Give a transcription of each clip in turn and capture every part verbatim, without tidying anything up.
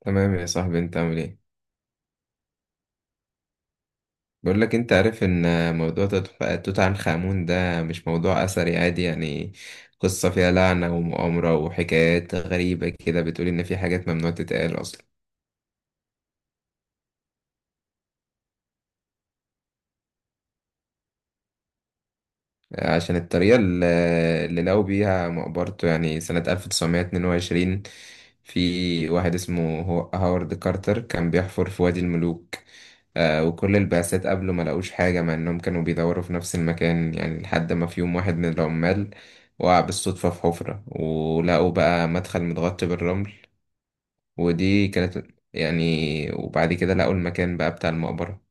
تمام يا صاحبي، انت عامل ايه؟ بقول لك، انت عارف ان موضوع توت توت عنخ آمون ده مش موضوع اثري عادي يعني. قصة فيها لعنة ومؤامرة وحكايات غريبة كده، بتقول ان في حاجات ممنوع تتقال اصلا عشان الطريقة ال- اللي لقوا بيها مقبرته يعني سنة ألف وتسعمية اتنين وعشرين. في واحد اسمه هو- هاورد كارتر كان بيحفر في وادي الملوك. آه، وكل البعثات قبله ما لقوش حاجة مع إنهم كانوا بيدوروا في نفس المكان يعني، لحد ما في يوم واحد من العمال وقع بالصدفة في حفرة ولقوا بقى مدخل متغطي بالرمل. ودي كانت يعني، وبعد كده لقوا المكان بقى بتاع المقبرة.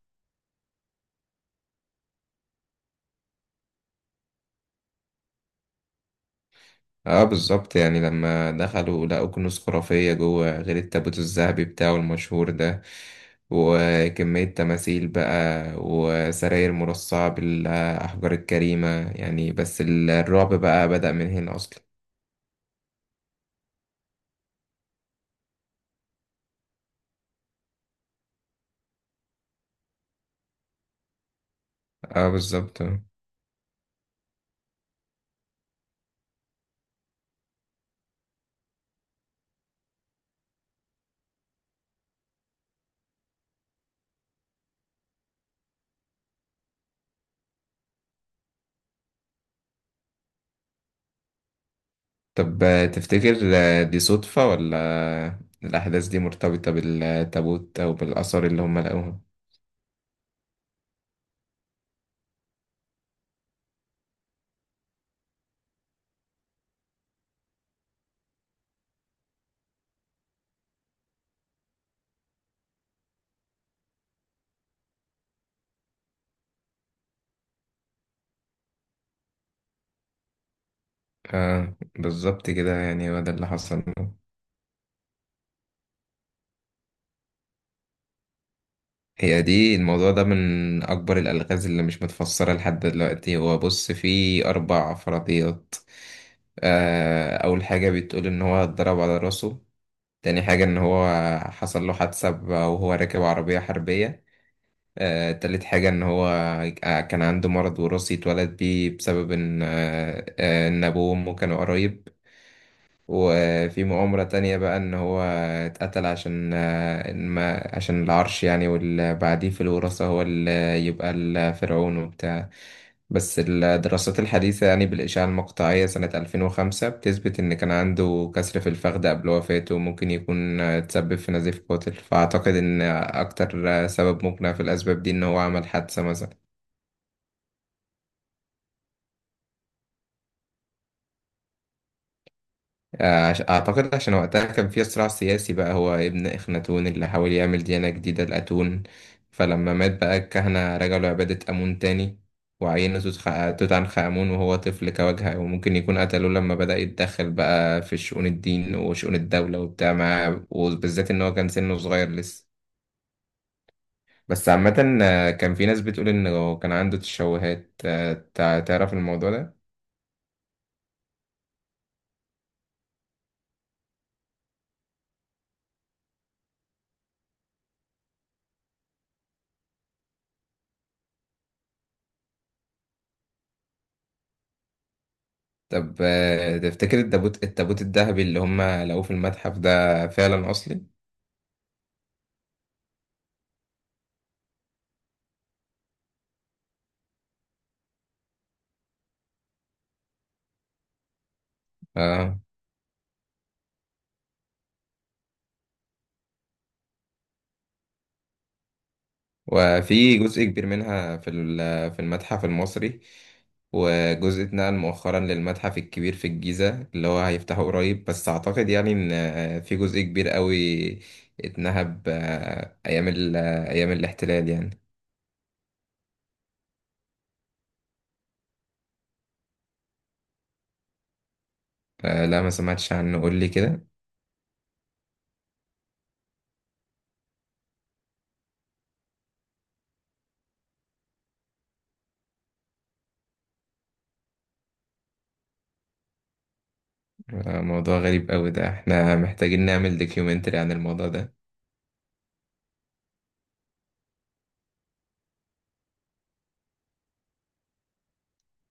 اه بالظبط، يعني لما دخلوا لقوا كنوز خرافية جوه غير التابوت الذهبي بتاعه المشهور ده، وكمية تماثيل بقى وسراير مرصعة بالأحجار الكريمة يعني. بس الرعب بقى بدأ من هنا أصلا. اه بالظبط. طب تفتكر دي صدفة ولا الأحداث دي مرتبطة بالتابوت أو بالآثار اللي هم لقوها؟ اه بالظبط كده، يعني هو ده اللي حصل. هي دي، الموضوع ده من أكبر الألغاز اللي مش متفسرة لحد دلوقتي. هو بص، فيه أربع فرضيات. آه، أول حاجة بتقول إن هو اتضرب على راسه. تاني حاجة إن هو حصل له حادثة ب- وهو راكب عربية حربية. آه، تالت حاجة إن هو آه، كان عنده مرض وراثي اتولد بيه بسبب إن آه، آه، إن أبوه وأمه كانوا قرايب. وفي مؤامرة تانية بقى إن هو اتقتل عشان آه، إن ما عشان العرش يعني، واللي بعديه في الوراثة هو اللي يبقى الفرعون وبتاع. بس الدراسات الحديثة يعني، بالإشعة المقطعية سنة ألفين وخمسة، بتثبت إن كان عنده كسر في الفخذ قبل وفاته وممكن يكون آه، تسبب في نزيف قاتل. فأعتقد إن أكتر آه، سبب مقنع في الأسباب دي إن هو عمل حادثة مثلا. آه، عش- أعتقد عشان وقتها كان في صراع سياسي بقى. هو ابن إخناتون اللي حاول يعمل ديانة جديدة لأتون، فلما مات بقى الكهنة رجعوا لعبادة أمون تاني، وعينوا توت خ- توت عنخ آمون وهو طفل كواجهة. وممكن يكون قتلوه لما بدأ يتدخل بقى في شؤون الدين وشؤون الدولة وبتاع معاه، وبالذات إن هو كان سنه صغير لسه. بس عامة آه، كان في ناس بتقول إنه كان عنده تشوهات. آه، تع- تعرف الموضوع ده؟ طب آه، تفتكر التابوت التابوت الذهبي اللي هم لقوه في المتحف ده فعلا أصلي؟ آه. وفي جزء كبير منها في ال- في المتحف المصري، وجزء اتنقل مؤخرا للمتحف الكبير في الجيزة اللي هو هيفتحه قريب. بس أعتقد يعني إن آه، في جزء كبير قوي اتنهب آه، أيام ال- آه، أيام الاحتلال يعني. آه، لا، ما سمعتش عنه، قول لي كده. آه، موضوع غريب قوي ده، احنا محتاجين نعمل دوكيومنتري عن الموضوع ده.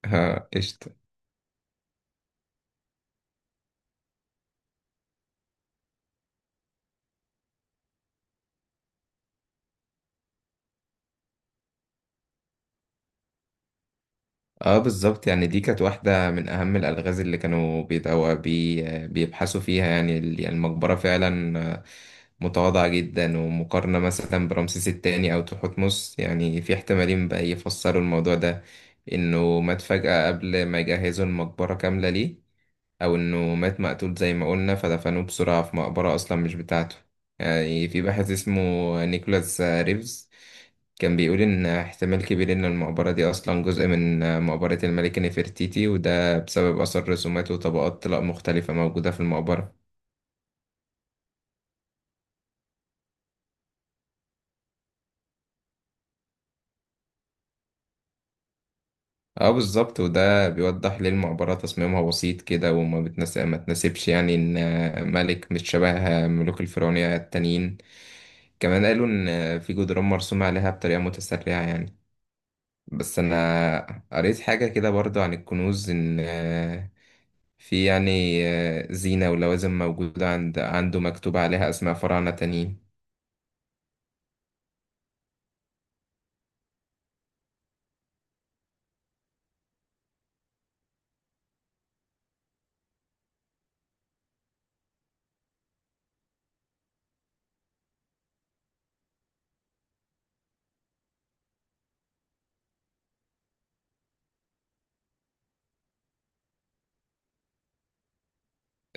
آه، قشطة. اه بالظبط، يعني دي كانت واحدة من أهم الألغاز اللي كانوا بيدعوا بي، بيبحثوا فيها يعني. ال- يعني المقبرة فعلا آه، متواضعة جدا، ومقارنة مثلا برمسيس التاني أو تحتمس، يعني في احتمالين بقى يفسروا الموضوع ده: إنه مات فجأة قبل ما يجهزوا المقبرة كاملة ليه، او انه مات مقتول زي ما قلنا فدفنوه بسرعة في مقبرة اصلا مش بتاعته. يعني في باحث اسمه نيكولاس ريفز كان بيقول ان احتمال كبير ان المقبرة دي اصلا جزء من مقبرة الملكة نفرتيتي، وده بسبب اثر رسومات وطبقات طلاء مختلفة موجودة في المقبرة. اه بالظبط، وده بيوضح ليه المقبرة تصميمها بسيط كده وما بتناسب ما تناسبش يعني ان ملك مش شبه ملوك الفرعونية التانيين. كمان قالوا ان في جدران مرسومة عليها بطريقة متسرعة يعني. بس انا قريت حاجة كده برضو عن الكنوز، ان آه، في يعني آه، زينة ولوازم موجودة عند عنده مكتوب عليها اسماء فراعنة تانيين.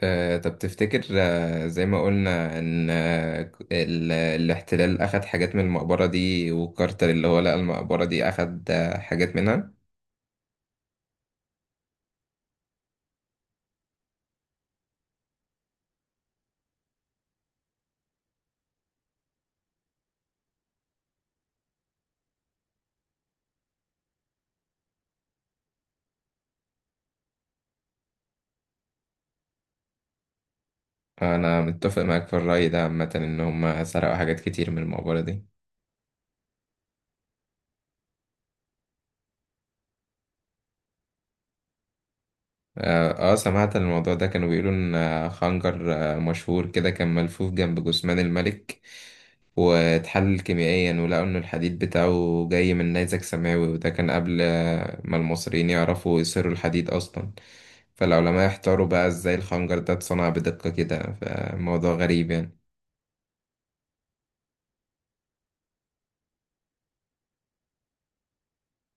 آه، طب تفتكر آه، زي ما قلنا ان آه، ك- ال- الاحتلال اخد حاجات من المقبرة دي، وكارتر اللي هو لقى المقبرة دي اخد آه، حاجات منها؟ انا متفق معاك في الرأي ده، عامة ان هم سرقوا حاجات كتير من المقبرة دي. اه آه، سمعت عن الموضوع ده. كانوا بيقولوا ان آه، خنجر آه، مشهور كده كان ملفوف جنب جثمان الملك، واتحلل كيميائيا ولقوا ان الحديد بتاعه جاي من نيزك سماوي. وده كان قبل آه، ما المصريين يعرفوا يصيروا الحديد اصلا، فالعلماء احتاروا بقى ازاي الخنجر ده اتصنع بدقة كده، فموضوع غريب يعني.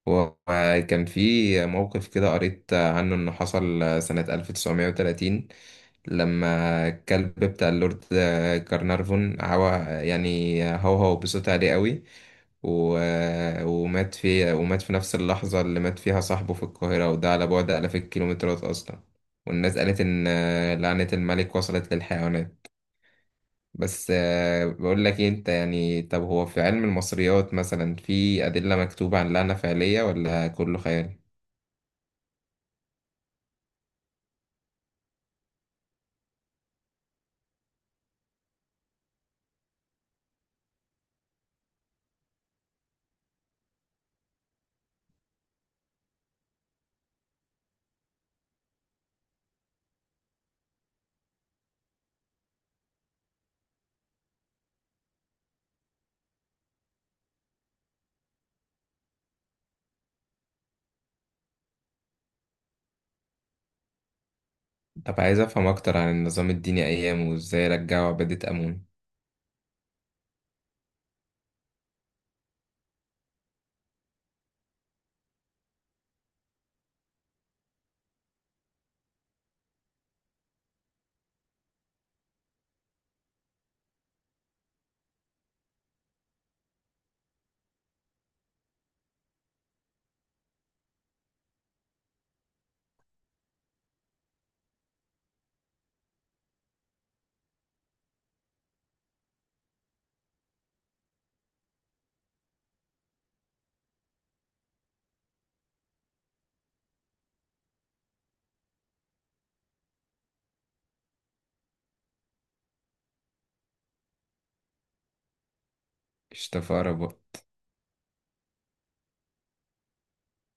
وكان في موقف كده قريت عنه إنه حصل سنة ألف وتسعمية وتلاتين، لما الكلب بتاع اللورد كارنارفون هوا يعني، هو هو بصوت عالي قوي، و... ومات في ومات في نفس اللحظة اللي مات فيها صاحبه في القاهرة، وده على بعد آلاف الكيلومترات أصلا. والناس قالت إن لعنة الملك وصلت للحيوانات. بس آه، بقول لك إيه، انت يعني طب، هو في علم المصريات مثلا في أدلة مكتوبة عن لعنة فعلية ولا كله خيال؟ طب عايز أفهم أكتر عن النظام الديني أيامه وإزاي رجعوا عبادة أمون. اشتفى بقى.